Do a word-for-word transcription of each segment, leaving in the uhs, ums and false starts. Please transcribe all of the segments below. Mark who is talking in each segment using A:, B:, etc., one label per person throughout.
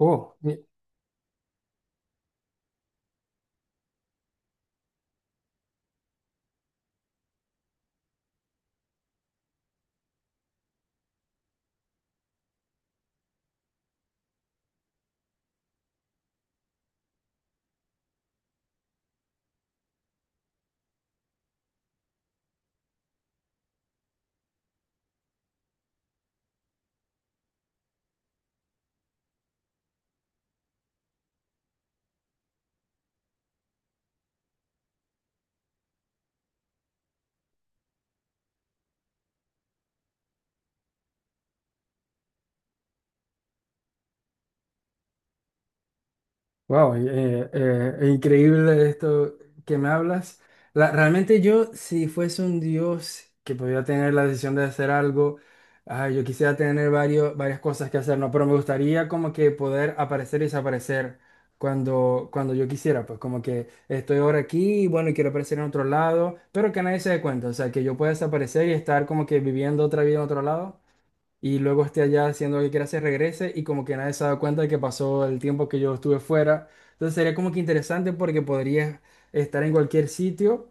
A: Oh, wow, increíble esto que me hablas. La- realmente yo, si fuese un dios que pudiera tener la decisión de hacer algo, ah, yo quisiera tener varios, varias cosas que hacer, ¿no? Pero me gustaría como que poder aparecer y desaparecer cuando, cuando yo quisiera, pues como que estoy ahora aquí y bueno, y quiero aparecer en otro lado, pero que nadie se dé cuenta, o sea, que yo pueda desaparecer y estar como que viviendo otra vida en otro lado. Y luego esté allá haciendo lo que quiera, se regrese y como que nadie se ha dado cuenta de que pasó el tiempo que yo estuve fuera. Entonces sería como que interesante porque podrías estar en cualquier sitio,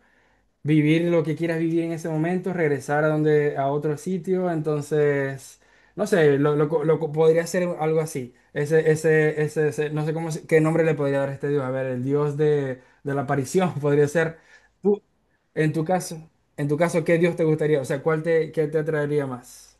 A: vivir lo que quieras vivir en ese momento, regresar a donde, a otro sitio. Entonces, no sé, lo, lo co- lo co- podría ser algo así. Ese, ese, ese, ese- no sé cómo, se- qué nombre le podría dar a este dios. A ver, el dios de, de la aparición podría ser. Tú, en tu caso, en tu caso, ¿qué dios te gustaría? O sea, ¿cuál te, qué te atraería más?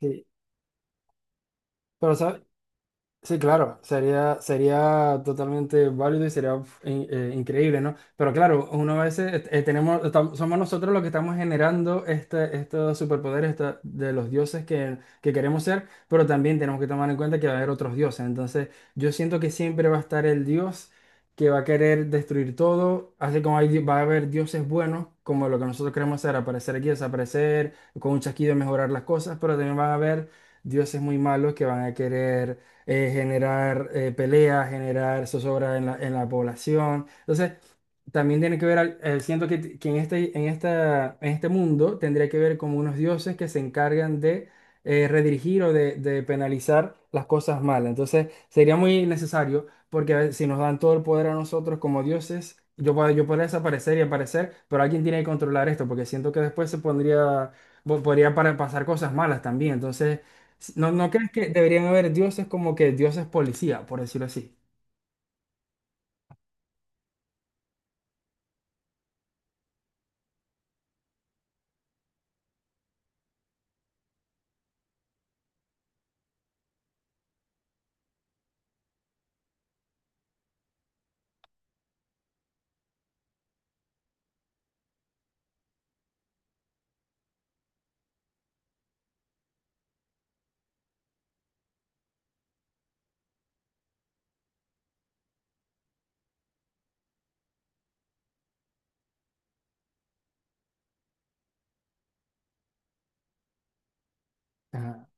A: Sí. Pero, ¿sabes? Sí, claro, sería, sería totalmente válido y sería in- eh, increíble, ¿no? Pero claro, uno a veces eh, eh, tenemos, estam- somos nosotros los que estamos generando este, estos superpoderes esta- de los dioses que, que queremos ser, pero también tenemos que tomar en cuenta que va a haber otros dioses. Entonces, yo siento que siempre va a estar el dios que va a querer destruir todo, así como hay, di- va a haber dioses buenos, como lo que nosotros queremos hacer, aparecer aquí, desaparecer, con un chasquido mejorar las cosas, pero también van a haber dioses muy malos que van a querer eh, generar eh, peleas, generar zozobra en la, en la población. Entonces, también tiene que ver, al- eh, siento que, que en este, en esta, en este mundo tendría que ver como unos dioses que se encargan de eh, redirigir o de, de penalizar las cosas malas. Entonces, sería muy necesario, porque a ver, si nos dan todo el poder a nosotros como dioses, yo, puedo- yo podría desaparecer y aparecer, pero alguien tiene que controlar esto, porque siento que después se pondría, po- podría para- pasar cosas malas también. Entonces, ¿No, no crees que deberían haber dioses como que dioses policía, por decirlo así? Ajá.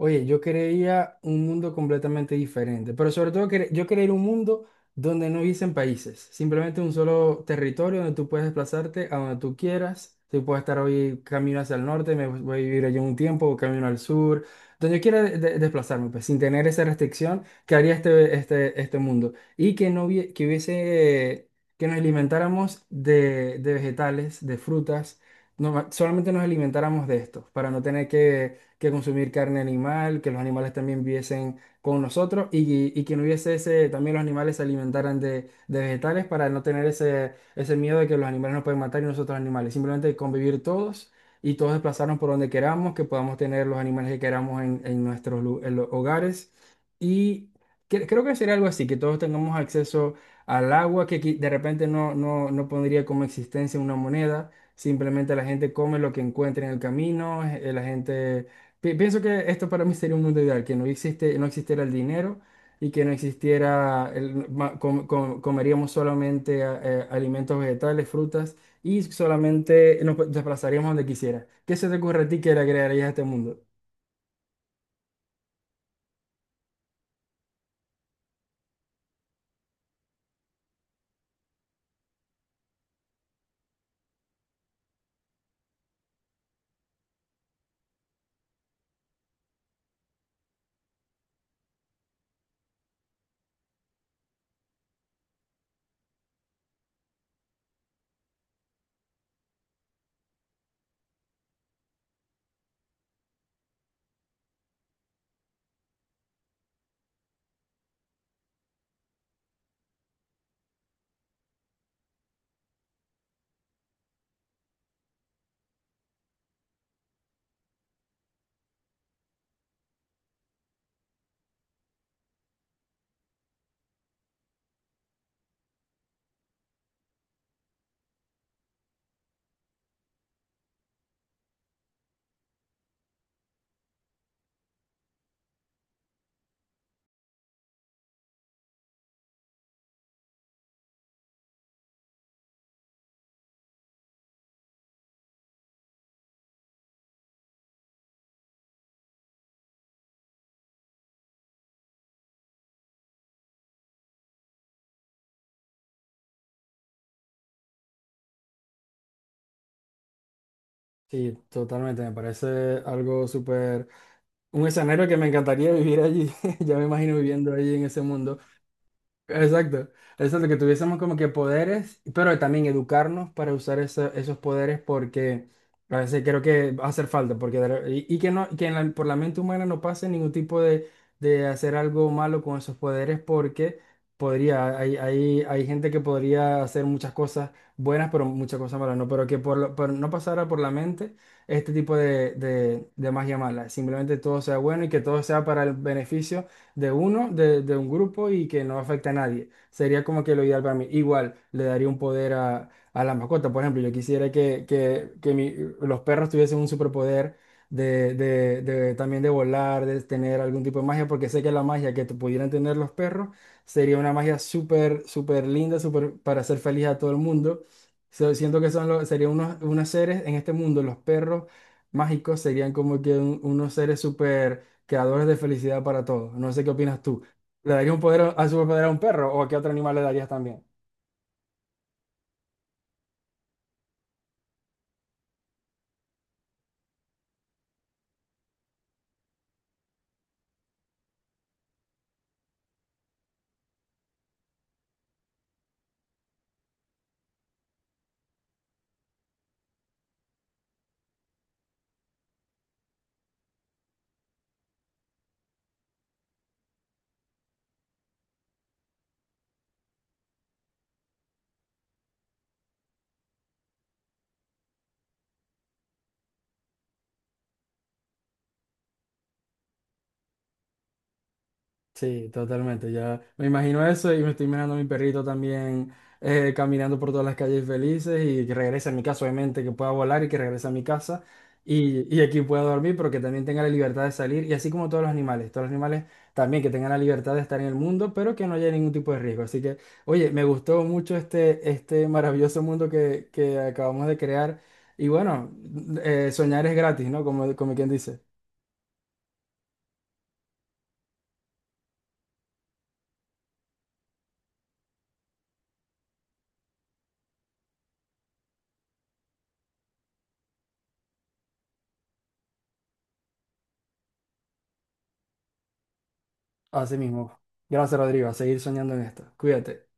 A: Oye, yo quería un mundo completamente diferente, pero sobre todo quer- yo quería ir a un mundo donde no hubiesen países, simplemente un solo territorio donde tú puedes desplazarte a donde tú quieras. Tú puedes estar hoy camino hacia el norte, me voy voy a vivir allá un tiempo, o camino al sur, donde yo quiera de- de- desplazarme, pues sin tener esa restricción que haría este, este, este mundo. Y que no hubie- que hubiese, que nos alimentáramos de, de vegetales, de frutas, no, solamente nos alimentáramos de esto, para no tener que que consumir carne animal, que los animales también viviesen con nosotros y, y que no hubiese ese, también los animales se alimentaran de, de vegetales para no tener ese, ese miedo de que los animales nos pueden matar y nosotros animales, simplemente convivir todos y todos desplazarnos por donde queramos, que podamos tener los animales que queramos en, en nuestros lu- en los hogares y cre- creo que sería algo así, que todos tengamos acceso al agua, que qui- de repente no, no, no pondría como existencia una moneda. Simplemente la gente come lo que encuentre en el camino, eh, la gente Pi- pienso que esto para mí sería un mundo ideal, que no existe, no existiera el dinero y que no existiera, el- ma- com- com- comeríamos solamente a- eh, alimentos vegetales, frutas y solamente nos desplazaríamos donde quisiera. ¿Qué se te ocurre a ti que le agregarías a este mundo? Sí, totalmente, me parece algo súper, un escenario que me encantaría vivir allí, ya me imagino viviendo allí en ese mundo. Exacto. Exacto, que tuviésemos como que poderes, pero también educarnos para usar esa- esos poderes porque a veces creo que va a hacer falta, porque de re- y, y que no, que en la- por la mente humana no pase ningún tipo de, de hacer algo malo con esos poderes porque podría, hay, hay, hay gente que podría hacer muchas cosas buenas, pero muchas cosas malas, no, pero que por, lo- por no pasara por la mente este tipo de, de, de magia mala, simplemente todo sea bueno y que todo sea para el beneficio de uno, de, de un grupo y que no afecta a nadie. Sería como que lo ideal para mí. Igual le daría un poder a, a la mascota. Por ejemplo, yo quisiera que, que, que mi- los perros tuviesen un superpoder de, de, de también de volar, de tener algún tipo de magia, porque sé que la magia que te pudieran tener los perros sería una magia súper, súper linda, súper para hacer feliz a todo el mundo. So, siento que son los, serían unos, unos seres en este mundo, los perros mágicos serían como que un- unos seres súper creadores de felicidad para todos. No sé qué opinas tú. ¿Le darías un poder, a superpoder a un perro o a qué otro animal le darías también? Sí, totalmente. Ya me imagino eso y me estoy imaginando a mi perrito también eh, caminando por todas las calles felices y que regrese a mi casa, obviamente, que pueda volar y que regrese a mi casa y, y aquí pueda dormir, pero que también tenga la libertad de salir y así como todos los animales, todos los animales también que tengan la libertad de estar en el mundo, pero que no haya ningún tipo de riesgo. Así que, oye, me gustó mucho este, este maravilloso mundo que, que acabamos de crear y bueno, eh, soñar es gratis, ¿no? Como, como quien dice, así mismo. Gracias, Rodrigo, a seguir soñando en esto. Cuídate.